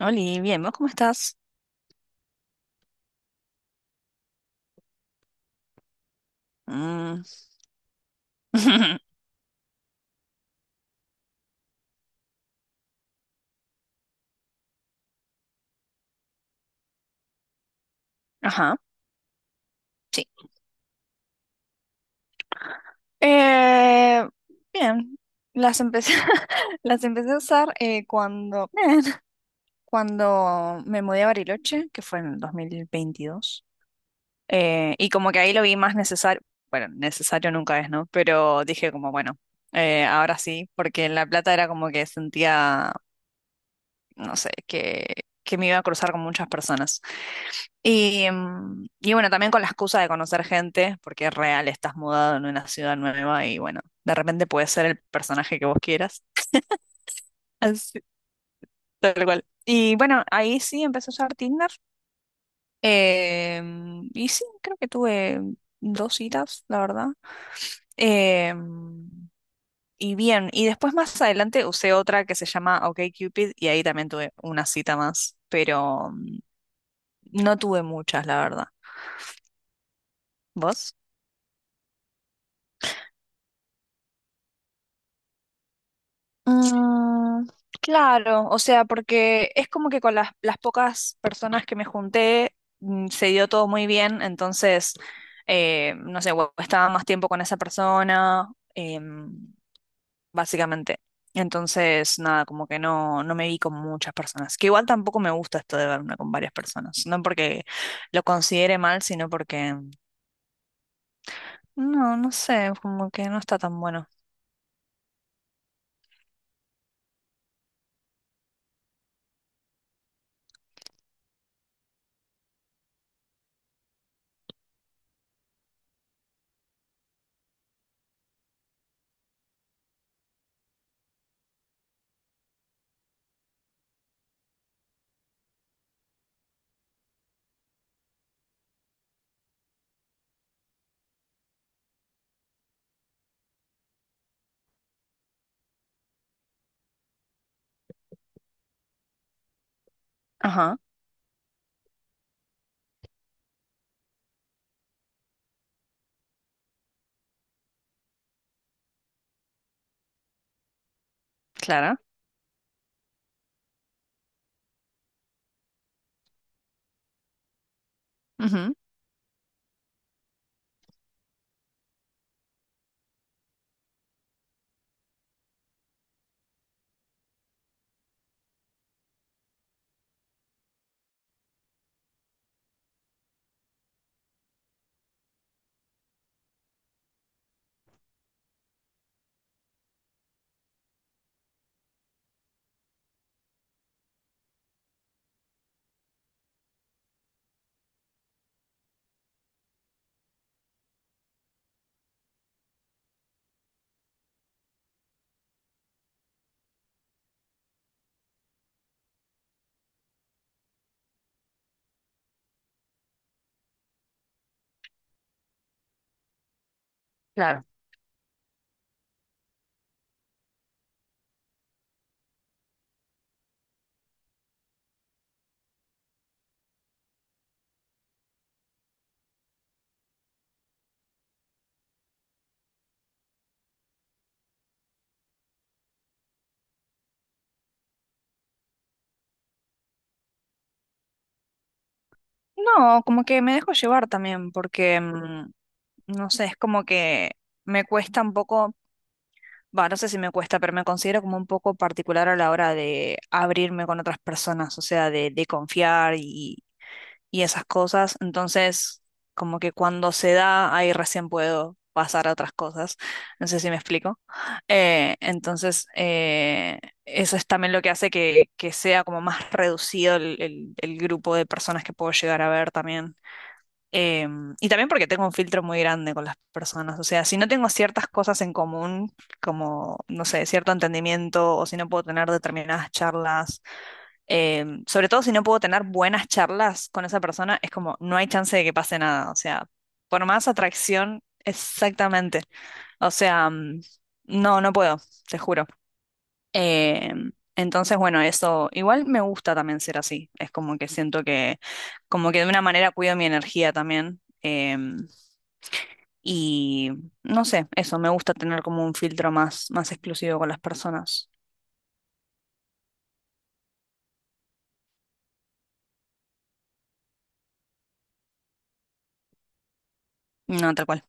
Oli, bien, ¿vos cómo estás? Mm. Ajá, sí. Eh, Bien, las empecé, las empecé a usar cuando, bien, cuando me mudé a Bariloche, que fue en 2022. Y como que ahí lo vi más necesario, bueno, necesario nunca es, ¿no? Pero dije como, bueno, ahora sí, porque en La Plata era como que sentía, no sé, que, me iba a cruzar con muchas personas. Y, y bueno, también con la excusa de conocer gente, porque es real, estás mudado en una ciudad nueva y bueno, de repente puedes ser el personaje que vos quieras. Así, tal cual. Y bueno, ahí sí empecé a usar Tinder. Y sí, creo que tuve dos citas, la verdad. Em, y bien, y después más adelante usé otra que se llama OkCupid y ahí también tuve una cita más, pero no tuve muchas, la verdad. ¿Vos? Mm, claro, o sea, porque es como que con las pocas personas que me junté mm, se dio todo muy bien, entonces, no sé, o estaba más tiempo con esa persona, básicamente. Entonces, nada, como que no, no me vi con muchas personas, que igual tampoco me gusta esto de verme con varias personas, no porque lo considere mal, sino porque, no, no sé, como que no está tan bueno. Ajá, claro. Ujú, claro. No, como que me dejo llevar también, porque, no sé, es como que me cuesta un poco, va, no sé si me cuesta, pero me considero como un poco particular a la hora de abrirme con otras personas, o sea, de, confiar y esas cosas. Entonces, como que cuando se da, ahí recién puedo pasar a otras cosas. No sé si me explico. Entonces, eso es también lo que hace que sea como más reducido el, el grupo de personas que puedo llegar a ver también. Eh, y también porque tengo un filtro muy grande con las personas. O sea, si no tengo ciertas cosas en común, como, no sé, cierto entendimiento, o si no puedo tener determinadas charlas, sobre todo si no puedo tener buenas charlas con esa persona, es como, no hay chance de que pase nada. O sea, por más atracción, exactamente. O sea, no, no puedo, te juro. Eh, entonces, bueno, eso igual me gusta también ser así. Es como que siento que, como que de una manera cuido mi energía también. Y no sé, eso, me gusta tener como un filtro más, más exclusivo con las personas. No, tal cual.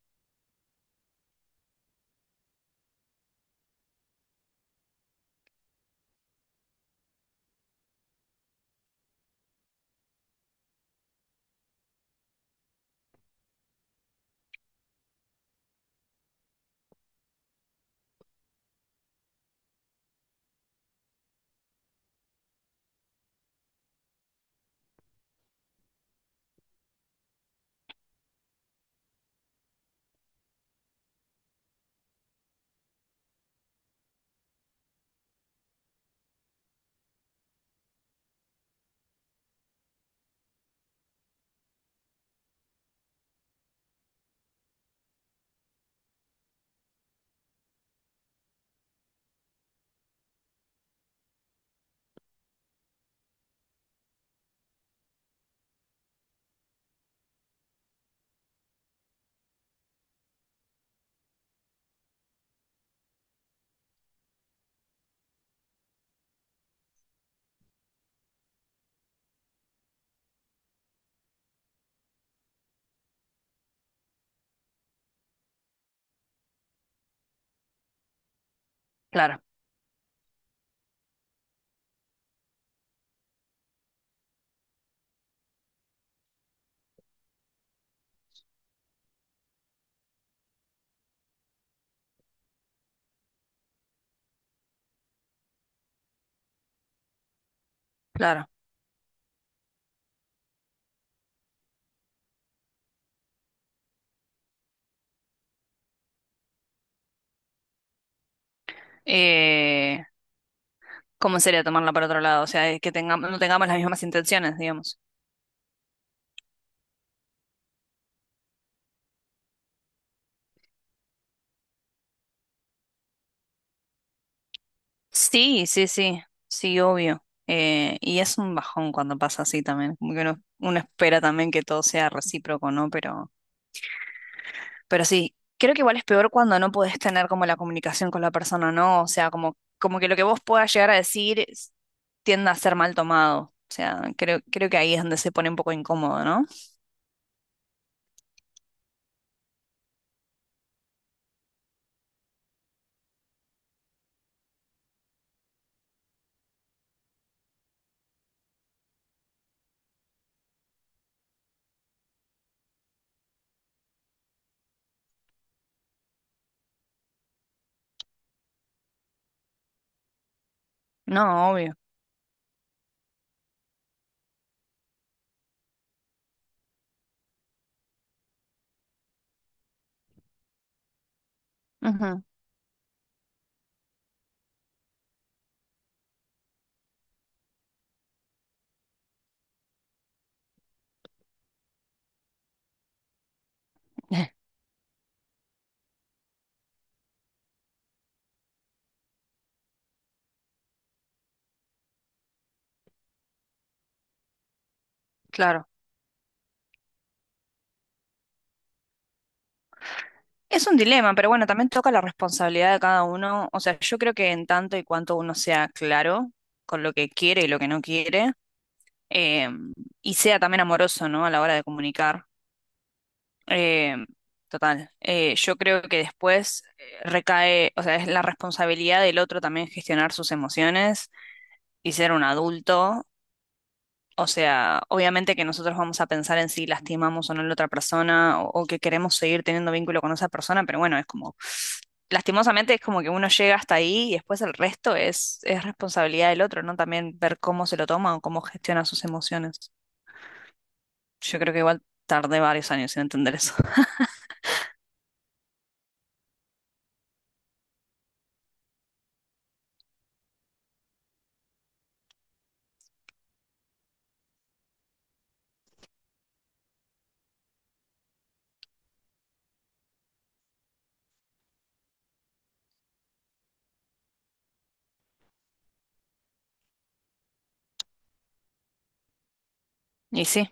Claro, claro. Eh, ¿Cómo sería tomarla para otro lado? O sea, que tengamos, no tengamos las mismas intenciones, digamos. Sí, sí, sí, sí, obvio. Y es un bajón cuando pasa así también. Como que uno, uno espera también que todo sea recíproco, ¿no? Pero sí, creo que igual es peor cuando no podés tener como la comunicación con la persona, ¿no? O sea, como, como que lo que vos puedas llegar a decir es- tiende a ser mal tomado. O sea, creo, creo que ahí es donde se pone un poco incómodo, ¿no? No, obvio. Ujú. Claro. Es un dilema, pero bueno, también toca la responsabilidad de cada uno. O sea, yo creo que en tanto y cuanto uno sea claro con lo que quiere y lo que no quiere, eh, y sea también amoroso, ¿no? A la hora de comunicar. Eh, Total. Yo creo que después recae, o sea, es la responsabilidad del otro también gestionar sus emociones y ser un adulto. O sea, obviamente que nosotros vamos a pensar en si lastimamos o no a la otra persona o que queremos seguir teniendo vínculo con esa persona, pero bueno, es como, lastimosamente es como que uno llega hasta ahí y después el resto es responsabilidad del otro, ¿no? También ver cómo se lo toma o cómo gestiona sus emociones. Yo creo que igual tardé varios años en entender eso. Y sí.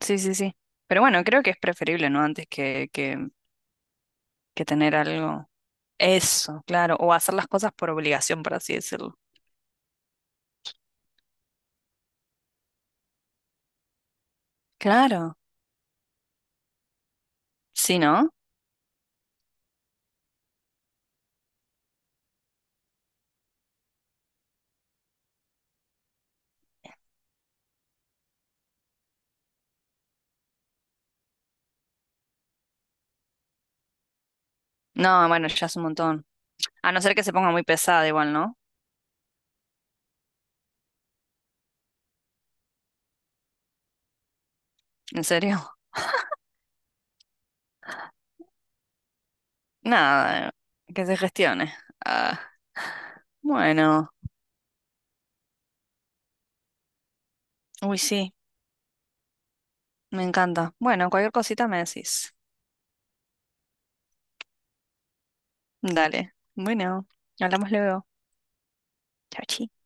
Sí, sí, sí. Pero bueno, creo que es preferible, ¿no? Antes que tener algo. Eso, claro. O hacer las cosas por obligación, por así decirlo. Claro. Sí, ¿no? No, bueno, ya es un montón. A no ser que se ponga muy pesada igual, ¿no? ¿En serio? Nada, que se gestione. Ah, bueno. Uy, sí, me encanta. Bueno, cualquier cosita me decís. Dale. Bueno, hablamos luego. Chao, chao.